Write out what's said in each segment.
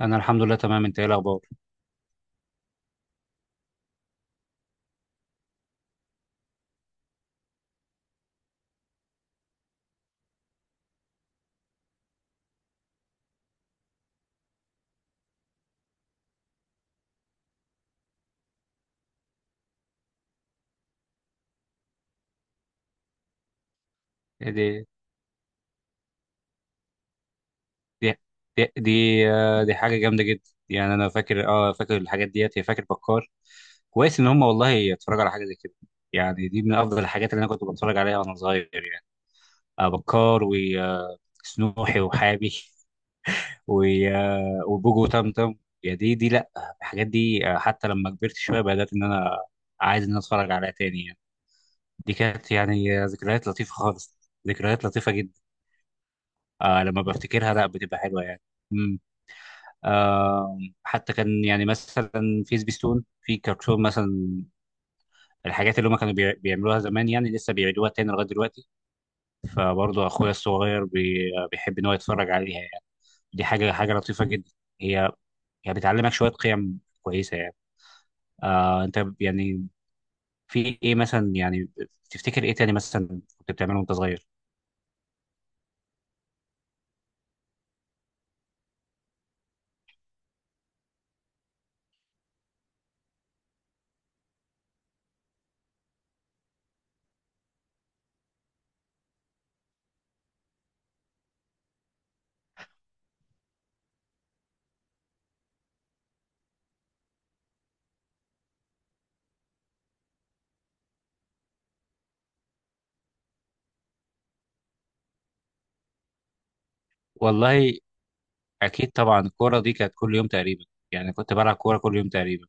انا الحمد لله تمام. انت ايه الاخبار؟ إيه دي دي دي دي, دي حاجه جامده جدا. يعني انا فاكر، فاكر الحاجات ديت. هي فاكر بكار؟ كويس ان هم والله اتفرجوا على حاجه زي كده. يعني دي من افضل الحاجات اللي انا كنت بتفرج عليها وانا صغير، يعني آه، بكار وسنوحي وحابي. وبوجو وتمتم، يا دي دي لا. الحاجات دي، حتى لما كبرت شويه بدات ان انا عايز ان أنا اتفرج عليها تاني يعني. دي كانت يعني، ذكريات لطيفه خالص. ذكريات لطيفه جدا. آه لما بفتكرها لا بتبقى حلوه يعني. امم آه حتى كان يعني مثلا، في سبيستون في كرتون مثلا. الحاجات اللي هم كانوا بيعملوها زمان يعني لسه بيعيدوها تاني لغايه دلوقتي. فبرضه اخويا الصغير بي بيحب ان هو يتفرج عليها يعني. دي حاجه لطيفه جدا. هي هي بتعلمك شويه قيم كويسه يعني. آه انت يعني، في ايه مثلا يعني؟ تفتكر ايه تاني مثلا كنت بتعمله وانت صغير؟ والله اكيد طبعا الكوره دي كانت كل يوم تقريبا. يعني كنت بلعب كوره كل يوم تقريبا.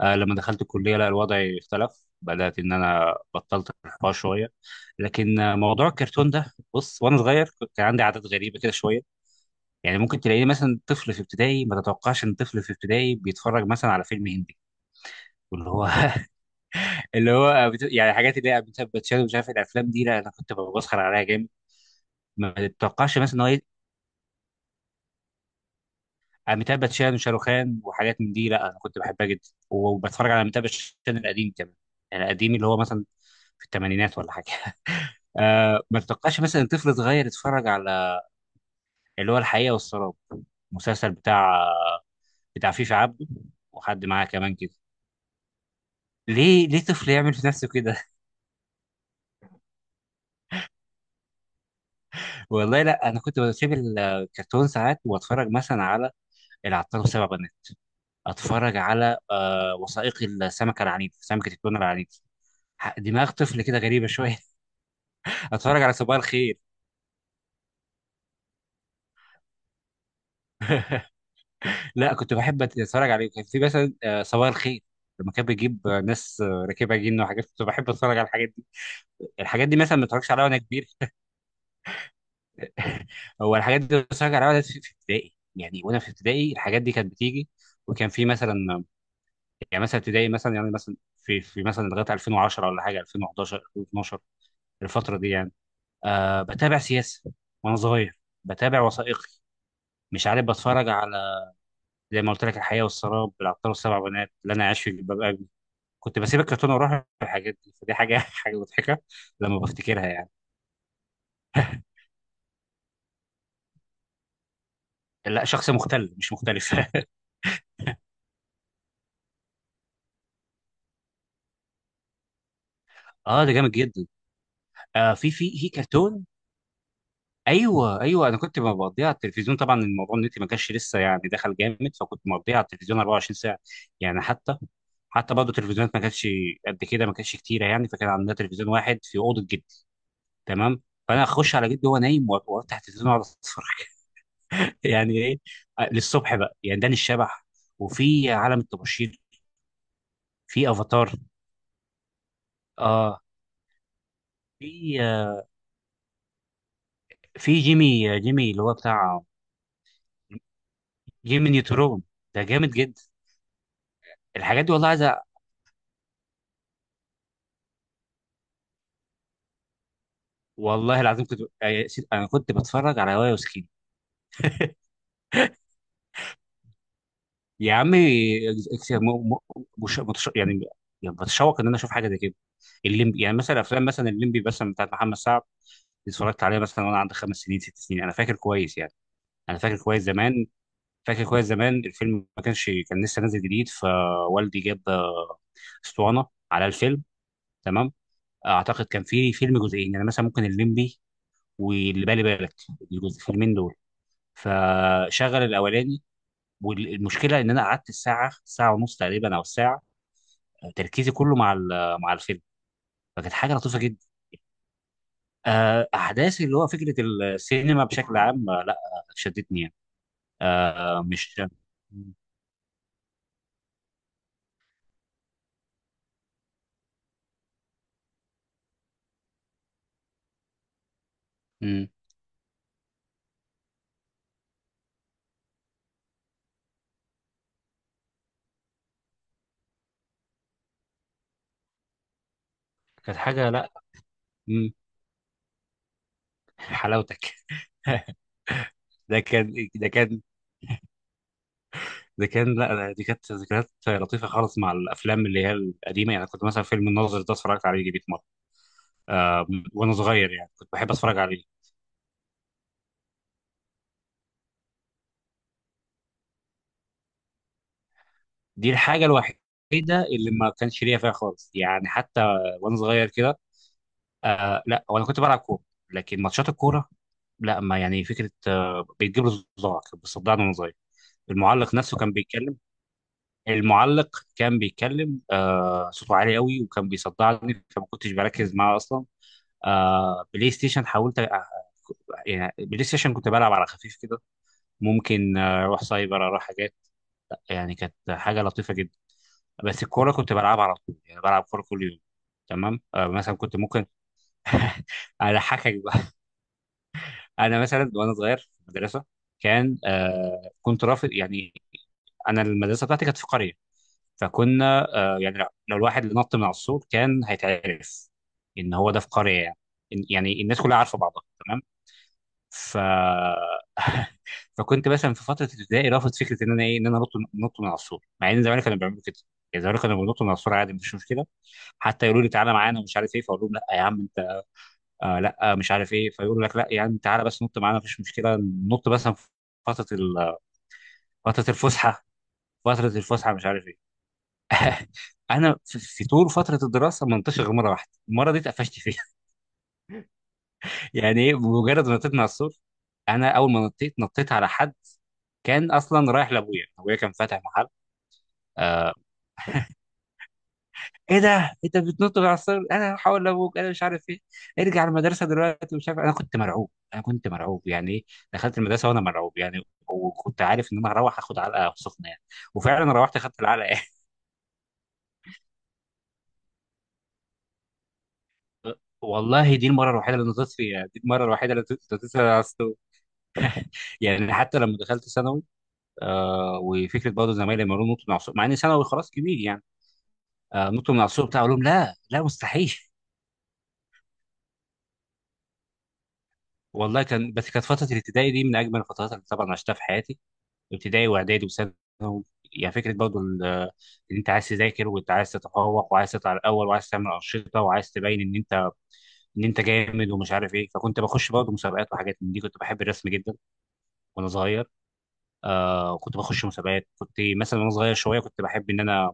آه لما دخلت الكلية لا الوضع اختلف، بدأت إن أنا بطلت الحوار شوية. لكن موضوع الكرتون ده، بص، وأنا صغير كنت عندي عادات غريبة كده شوية. يعني ممكن تلاقيني مثلا طفل في ابتدائي، ما تتوقعش إن طفل في ابتدائي بيتفرج مثلا على فيلم هندي. واللي هو اللي هو بت... يعني الحاجات اللي هي أميتاب باتشان ومش عارف الأفلام دي، لا أنا كنت بسخر عليها جامد. ما تتوقعش مثلا إن هو ي- أميتاب باتشان وشاروخان وحاجات من دي، لا أنا كنت بحبها جدا وبتفرج على أميتاب باتشان القديم كمان. يعني القديم اللي هو مثلا في الثمانينات ولا حاجة. آه ما تتوقعش مثلا طفل صغير يتفرج على اللي هو الحقيقة والسراب، مسلسل بتاع فيفي عبده وحد معاه كمان كده. ليه ليه طفل يعمل في نفسه كده؟ والله لا انا كنت بسيب الكرتون ساعات واتفرج مثلا على العطار وسبع بنات. اتفرج على وثائقي السمكة العنيدة، سمكة التونة العنيدة. دماغ طفل كده غريبة شوية. اتفرج على صباح الخير. لا كنت بحب اتفرج عليه، كان في مثلا صباح الخير، لما كان بيجيب ناس راكبه جن وحاجات، كنت بحب اتفرج على الحاجات دي. الحاجات دي مثلا ما اتفرجش عليها وانا كبير. هو الحاجات دي بتفرج عليها وانا في ابتدائي يعني. وانا في ابتدائي الحاجات دي كانت بتيجي. وكان في مثلا، يعني مثلا ابتدائي مثلا يعني مثلا في مثلا لغايه 2010 ولا حاجه 2011 2012. الفتره دي يعني، آه بتابع سياسه وانا صغير، بتابع وثائقي، مش عارف، بتفرج على، زي ما قلت لك، الحياه والسراب، العطار والسبع بنات، اللي انا عايش في جلباب ابي. كنت بسيب الكرتون واروح الحاجات دي. فدي حاجه حاجه مضحكه لما بفتكرها يعني. لا شخص مختل مش مختلف. اه ده جامد جدا. آه في كرتون. ايوه ايوه، انا كنت مقضيها على التلفزيون طبعا. الموضوع النت ما كانش لسه يعني دخل جامد، فكنت مقضيها على التلفزيون 24 ساعه يعني. حتى برضه التلفزيونات ما كانتش قد كده، ما كانتش كتيره يعني. فكان عندنا تلفزيون واحد في اوضه جدي، تمام. فانا اخش على جدي وهو نايم وافتح التلفزيون واقعد اتفرج. يعني ايه، للصبح بقى يعني. داني الشبح، وفي عالم الطباشير، في افاتار، اه في جيمي، اللي هو بتاع جيمي نيوترون، ده جامد جدا. الحاجات دي والله عايز، والله العظيم كنت، انا كنت بتفرج على وايا وسكيني. يا عم مش متش... يعني يعني بتشوق ان انا اشوف حاجه زي كده. الليمبي، يعني مثلا افلام مثلا الليمبي مثلا بتاعت محمد سعد، دي اتفرجت عليها مثلا وانا عندي 5 سنين 6 سنين، انا فاكر كويس يعني. انا فاكر كويس زمان، فاكر كويس زمان الفيلم. ما كانش، كان لسه نازل جديد، فوالدي جاب اسطوانه على الفيلم، تمام. اعتقد كان في فيلم جزئين، يعني مثلا ممكن الليمبي واللي بالي بالك، الفيلمين دول. فشغل الاولاني، والمشكله ان انا قعدت الساعه ساعه ونص تقريبا او الساعه، تركيزي كله مع مع الفيلم. فكانت حاجه لطيفه جدا. احداث اللي هو فكره السينما بشكل عام، آه، لا آه، شدتني يعني. آه، مش مم. كانت حاجه لا. مم. حلاوتك. ده كان ده كان ده كان لا لا، دي كانت ذكريات لطيفه خالص مع الافلام اللي هي القديمه. يعني كنت مثلا فيلم الناظر ده اتفرجت عليه جديد مره، آه، وانا صغير، يعني كنت بحب اتفرج عليه. دي الحاجة الوحيدة اللي ما كانش ليا فيها خالص يعني. حتى وانا صغير كده، آه لا وانا كنت بلعب كورة، لكن ماتشات الكورة لا. ما يعني، فكرة بتجيب لي صداع، كنت بصدعني وانا صغير. المعلق نفسه كان بيتكلم المعلق كان بيتكلم، صوته عالي قوي، وكان بيصدعني فما كنتش بركز معاه اصلا. آه بلاي ستيشن حاولت أ- يعني بلاي ستيشن كنت بلعب على خفيف كده. ممكن اروح سايبر، اروح حاجات، يعني كانت حاجه لطيفه جدا. بس الكوره كنت بلعبها على طول يعني، بلعب كوره كل يوم. تمام آه مثلا كنت ممكن. اضحكك بقى. انا مثلا وانا صغير في المدرسه كان، كنت رافض يعني، انا المدرسه بتاعتي كانت في قريه. فكنا آه يعني، لو الواحد اللي نط من على السور كان هيتعرف ان هو ده في قريه يعني. يعني الناس كلها عارفه بعضها تمام. ف فكنت مثلا في فتره ابتدائي رافض فكره ان انا ايه، ان انا نط من على السور، مع ان زمان كانوا بيعملوا كده. يعني زمان كانوا بينطوا من على السور عادي، مفيش مشكله. حتى يقولوا لي تعالى معانا ومش عارف ايه، فاقول لهم لا يا عم انت، آه لا آه مش عارف ايه. فيقولوا لك لا يا عم تعالى بس نط معانا مفيش مشكله، نط بس في فتره ال- فتره الفسحه. فتره الفسحه مش عارف ايه. انا في طول فتره الدراسه ما نطيتش غير مره واحده، المره دي اتقفشت فيها. يعني ايه، بمجرد ما نطيت مع السور، انا اول ما نطيت، نطيت على حد كان اصلا رايح لابويا. ابويا كان فاتح محل. آه، ايه ده انت بتنط بالعصايه، انا هحاول لابوك، انا مش عارف ايه. ارجع المدرسه دلوقتي مش عارف، انا كنت مرعوب، يعني ايه. دخلت المدرسه وانا مرعوب يعني، وكنت عارف ان انا هروح اخد علقه سخنه يعني، وفعلا روحت اخدت العلقه. والله دي المره الوحيده اللي نطيت فيها. دي المره الوحيده اللي نطيت نطيت فيها على السور. يعني حتى لما دخلت ثانوي، آه وفكره برضه زمايلي لما يقولوا نط من على السور، مع اني ثانوي خلاص كبير يعني. نط من على السور بتاع، اقول لهم لا لا مستحيل. والله كان، بس كانت فتره الابتدائي دي من اجمل الفترات اللي طبعا عشتها في حياتي. ابتدائي واعدادي وثانوي. يعني فكره برضو ان انت عايز تذاكر، وانت عايز تتفوق، وعايز تطلع الاول، وعايز تعمل انشطه، وعايز تبين ان انت، انت جامد ومش عارف ايه. فكنت بخش برضه مسابقات وحاجات من دي. كنت بحب الرسم جدا وانا صغير. آه كنت بخش مسابقات. كنت مثلا وانا صغير شويه كنت بحب ان انا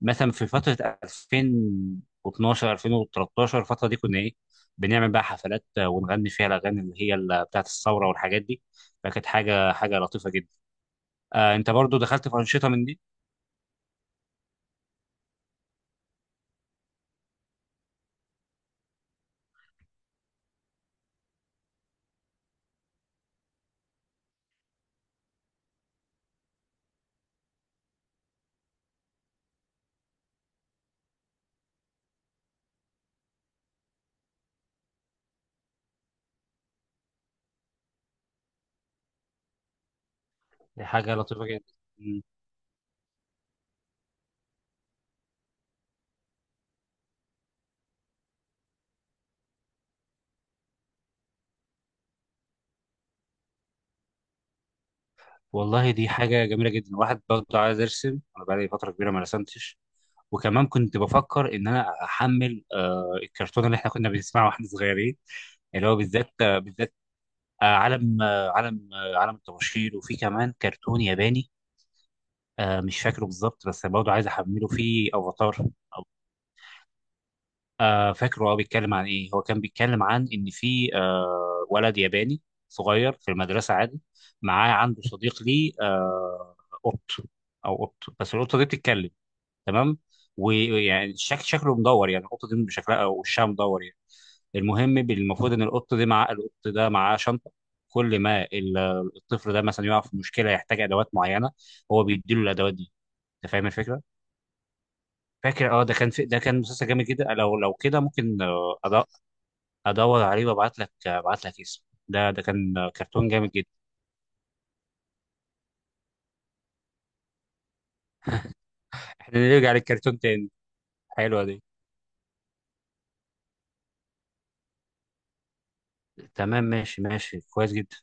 مثلا في فتره 2012 2013، الفتره دي كنا ايه، بنعمل بقى حفلات، ونغني فيها الاغاني اللي هي بتاعه الثوره والحاجات دي. فكانت حاجه لطيفه جدا. آه انت برضه دخلت في انشطه من دي؟ دي حاجة لطيفة جدا. مم. والله دي حاجة جميلة جدا. واحد برضه عايز أرسم، أنا بقالي فترة كبيرة ما رسمتش. وكمان كنت بفكر إن أنا أحمل الكرتون اللي إحنا كنا بنسمعه وإحنا صغيرين، اللي هو بالذات، عالم الطباشير. وفي كمان كرتون ياباني، آه مش فاكره بالظبط، بس برضه عايز أحمله. فيه أفاتار. آه فاكره هو بيتكلم عن ايه. هو كان بيتكلم عن ان في ولد ياباني صغير في المدرسه عادي، معاه، عنده صديق ليه، قط قط، بس القطه دي بتتكلم، تمام. ويعني شكله مدور، يعني القطه دي شكلها او وشها مدور يعني. المهم المفروض ان القط دي مع القط ده معاه شنطه، كل ما الطفل ده مثلا يقع في مشكله يحتاج ادوات معينه، هو بيديله الادوات دي. انت فاهم الفكره؟ فاكر، اه ده كان في، ده كان مسلسل جامد جدا. لو كده ممكن ادور عليه وابعت لك اسمه. ده كان كرتون جامد جدا. احنا نرجع للكرتون تاني. حلوة دي، تمام ماشي. كويس جدا.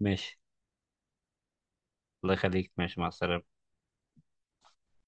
ماشي، الله يخليك، ماشي مع السلامة.